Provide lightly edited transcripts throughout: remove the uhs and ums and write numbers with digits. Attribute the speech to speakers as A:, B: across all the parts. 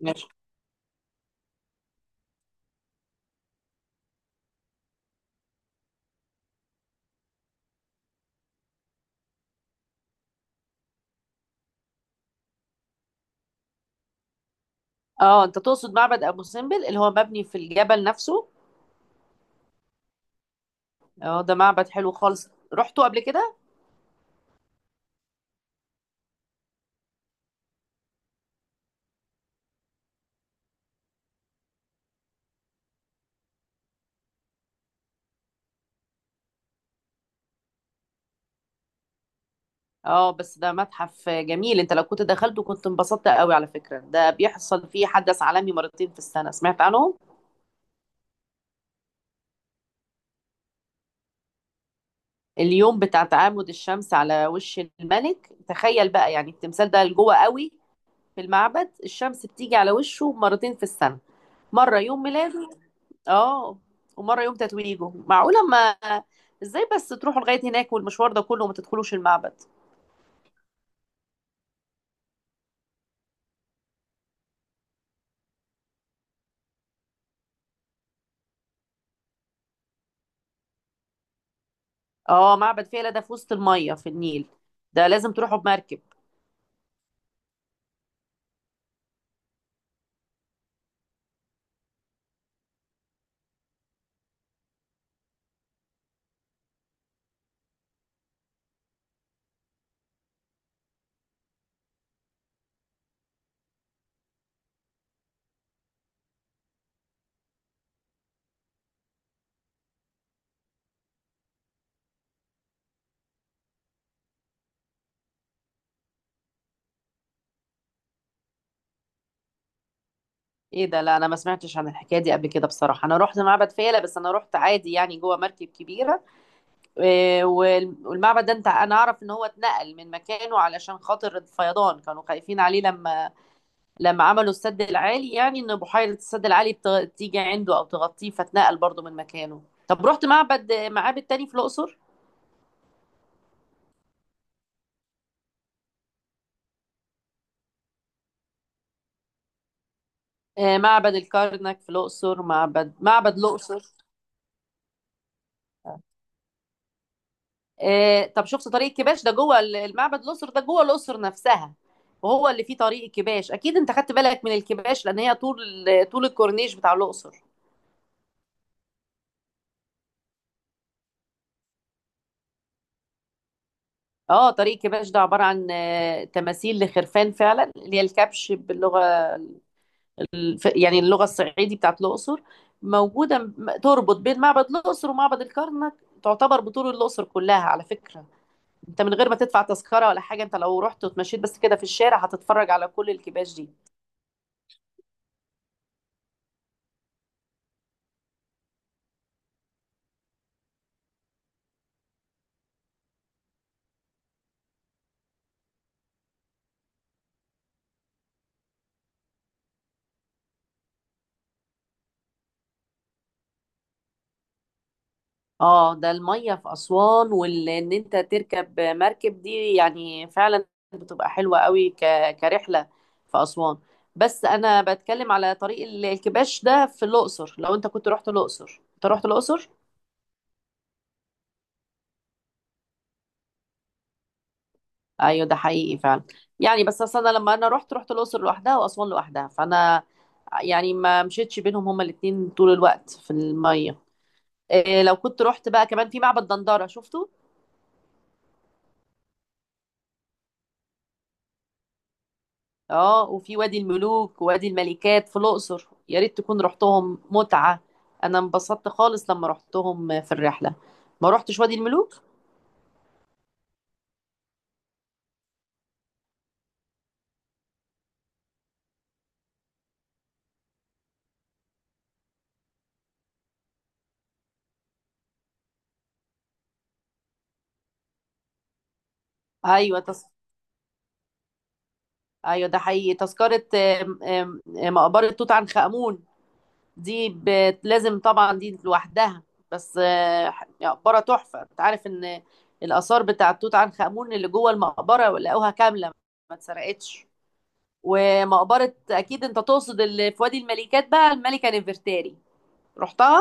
A: ماشي. اه، انت تقصد معبد ابو سمبل اللي هو مبني في الجبل نفسه. اه، ده معبد حلو خالص، رحته قبل كده. اه، بس ده متحف جميل، انت لو كنت دخلته كنت انبسطت قوي. على فكرة ده بيحصل فيه حدث عالمي مرتين في السنة، سمعت عنهم؟ اليوم بتاع تعامد الشمس على وش الملك، تخيل بقى يعني التمثال ده لجوه قوي في المعبد، الشمس بتيجي على وشه مرتين في السنة. مرة يوم ميلاده، اه، ومره يوم تتويجه. معقوله ما، ازاي بس تروحوا لغايه هناك والمشوار ده كله وما تدخلوش المعبد؟ اه، معبد فيلة ده في وسط الميه في النيل، ده لازم تروحوا بمركب. ايه ده؟ لا، انا ما سمعتش عن الحكايه دي قبل كده بصراحه. انا رحت معبد فيلة بس انا رحت عادي يعني جوه مركب كبيره. إيه، والمعبد ده، انت انا اعرف ان هو اتنقل من مكانه علشان خاطر الفيضان، كانوا خايفين عليه لما لما عملوا السد العالي. يعني ان بحيره السد العالي تيجي عنده او تغطيه، فتنقل برضو من مكانه. طب رحت معبد؟ معابد تاني في الاقصر؟ آه، معبد الكرنك في الاقصر، معبد الاقصر. آه، طب شفت طريق الكباش ده جوه المعبد الاقصر؟ ده جوه الاقصر نفسها، وهو اللي فيه طريق الكباش. اكيد انت خدت بالك من الكباش، لان هي طول طول الكورنيش بتاع الاقصر. اه، طريق الكباش ده عباره عن تماثيل لخرفان فعلا، اللي هي الكبش باللغه يعني اللغة الصعيدي بتاعت الأقصر، موجودة تربط بين معبد الأقصر ومعبد الكرنك، تعتبر بطول الأقصر كلها على فكرة. انت من غير ما تدفع تذكرة ولا حاجة، انت لو رحت وتمشيت بس كده في الشارع هتتفرج على كل الكباش دي. اه، ده المية في أسوان، وان انت تركب مركب دي يعني فعلا بتبقى حلوة قوي كرحلة في أسوان. بس انا بتكلم على طريق الكباش ده في الأقصر. لو انت كنت رحت الأقصر، انت رحت الأقصر؟ ايوه ده حقيقي فعلا. يعني بس اصل انا لما انا رحت رحت الاقصر لوحدها واسوان لوحدها، فانا يعني ما مشيتش بينهم هما الاتنين طول الوقت في الميه. إيه لو كنت رحت بقى كمان في معبد دندره، شفته؟ اه، وفي وادي الملوك ووادي الملكات في الاقصر، يا ريت تكون رحتهم، متعه. انا انبسطت خالص لما رحتهم في الرحله. ما رحتش وادي الملوك؟ ايوه ايوه ده حقيقي، تذكره. آم، آم، آم، مقبره توت عنخ امون، دي لازم طبعا دي لوحدها، بس مقبرة تحفة. انت عارف ان الآثار بتاعة توت عنخ آمون اللي جوه المقبرة لقوها كاملة، ما اتسرقتش. ومقبرة أكيد انت تقصد اللي في وادي الملكات بقى الملكة نفرتاري، رحتها؟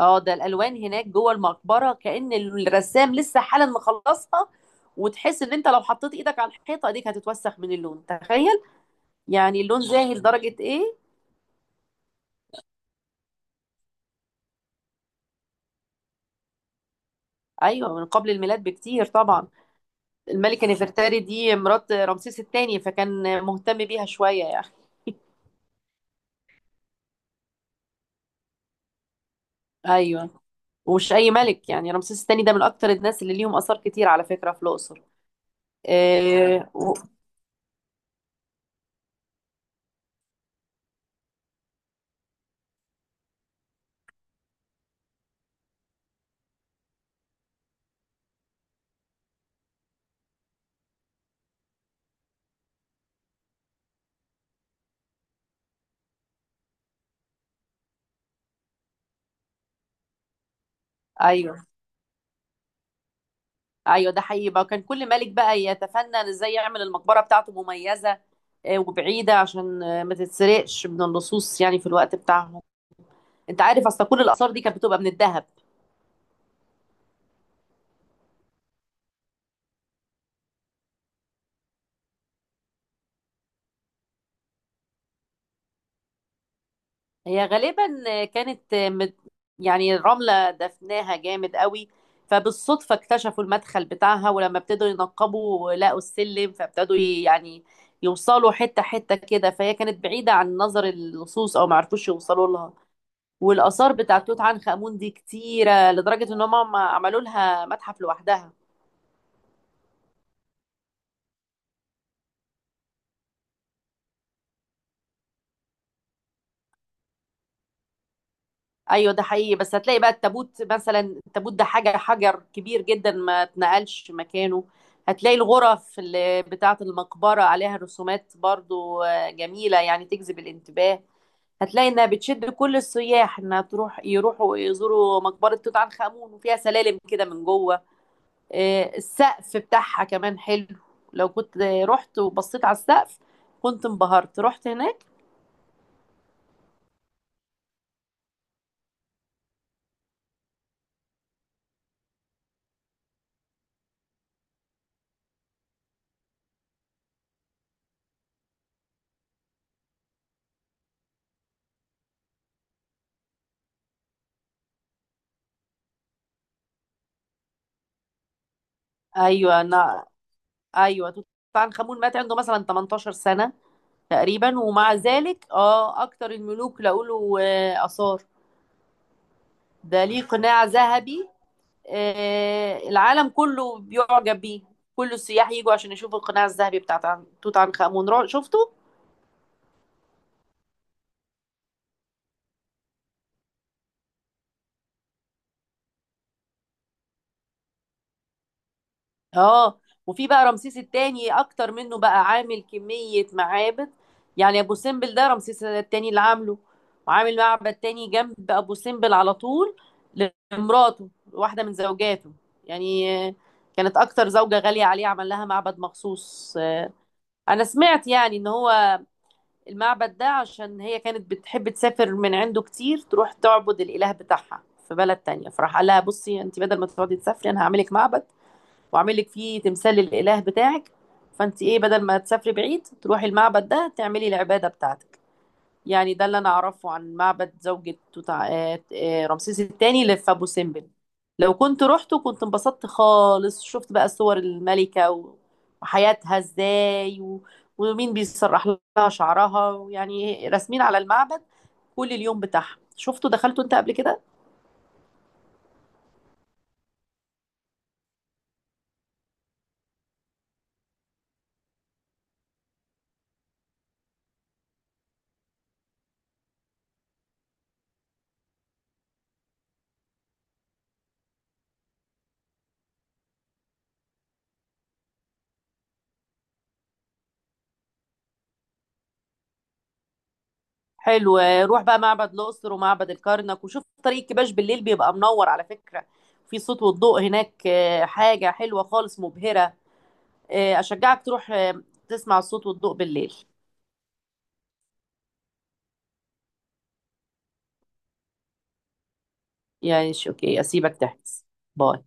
A: اه، ده الألوان هناك جوه المقبرة كأن الرسام لسه حالا مخلصها. وتحس ان انت لو حطيت ايدك على الحيطة ايديك هتتوسخ من اللون، تخيل يعني اللون زاهي لدرجة ايه؟ ايوه، من قبل الميلاد بكتير طبعا. الملكة نفرتاري دي مرات رمسيس الثاني، فكان مهتم بيها شوية يعني. أيوة، ومش أي ملك يعني، رمسيس الثاني ده من أكتر الناس اللي ليهم آثار كتير على فكرة في الأقصر. إيه أيوه، أيوه، ده حقيقي بقى. كان كل ملك بقى يتفنن إزاي يعمل المقبرة بتاعته مميزة، إيه، وبعيدة عشان ما تتسرقش من اللصوص يعني في الوقت بتاعهم. أنت عارف أصلا كل الآثار دي كانت بتبقى من الذهب. هي غالبا كانت يعني رملة دفناها جامد قوي، فبالصدفة اكتشفوا المدخل بتاعها، ولما ابتدوا ينقبوا لقوا السلم، فابتدوا يعني يوصلوا حتة حتة كده. فهي كانت بعيدة عن نظر اللصوص أو معرفوش يوصلوا لها. والآثار بتاعت توت عنخ آمون دي كتيرة لدرجة إن هم عملوا لها متحف لوحدها. ايوه ده حقيقي، بس هتلاقي بقى التابوت مثلا، التابوت ده حاجه حجر كبير جدا ما اتنقلش مكانه. هتلاقي الغرف اللي بتاعه المقبره عليها رسومات برضو، جميله يعني تجذب الانتباه. هتلاقي انها بتشد كل السياح انها تروح، يروحوا يزوروا مقبره توت عنخ امون، وفيها سلالم كده من جوه. آه، السقف بتاعها كمان حلو، لو كنت رحت وبصيت على السقف كنت انبهرت. رحت هناك؟ ايوه انا، ايوه توت عنخ امون مات عنده مثلا 18 سنه تقريبا، ومع ذلك اه اكتر الملوك لقوله اثار. ده ليه قناع ذهبي، العالم كله بيعجب بيه. كل السياح يجوا عشان يشوفوا القناع الذهبي بتاع توت عنخ آمون، شفته؟ اه، وفي بقى رمسيس التاني اكتر منه بقى، عامل كمية معابد. يعني ابو سمبل ده رمسيس التاني اللي عامله، وعامل معبد تاني جنب ابو سمبل على طول لمراته، واحدة من زوجاته يعني. كانت اكتر زوجة غالية عليه، عمل لها معبد مخصوص. انا سمعت يعني ان هو المعبد ده عشان هي كانت بتحب تسافر من عنده كتير، تروح تعبد الاله بتاعها في بلد تانية. فراح قال لها: بصي انت بدل ما تقعدي تسافري انا هعملك معبد، واعمل لك فيه تمثال للاله بتاعك، فانت ايه بدل ما تسافري بعيد تروحي المعبد ده تعملي العباده بتاعتك. يعني ده اللي انا اعرفه عن معبد زوجة توت رمسيس الثاني اللي في ابو سمبل. لو كنت روحته كنت انبسطت خالص، شفت بقى صور الملكه وحياتها ازاي ومين بيسرح لها شعرها، يعني رسمين على المعبد، كل اليوم بتاعها. شفته؟ دخلته انت قبل كده؟ حلو، روح بقى معبد الأقصر ومعبد الكرنك، وشوف طريق كباش بالليل، بيبقى منور على فكرة. في صوت والضوء هناك، حاجة حلوة خالص، مبهرة. أشجعك تروح تسمع الصوت والضوء بالليل. يعني أوكي، أسيبك تحجز. باي.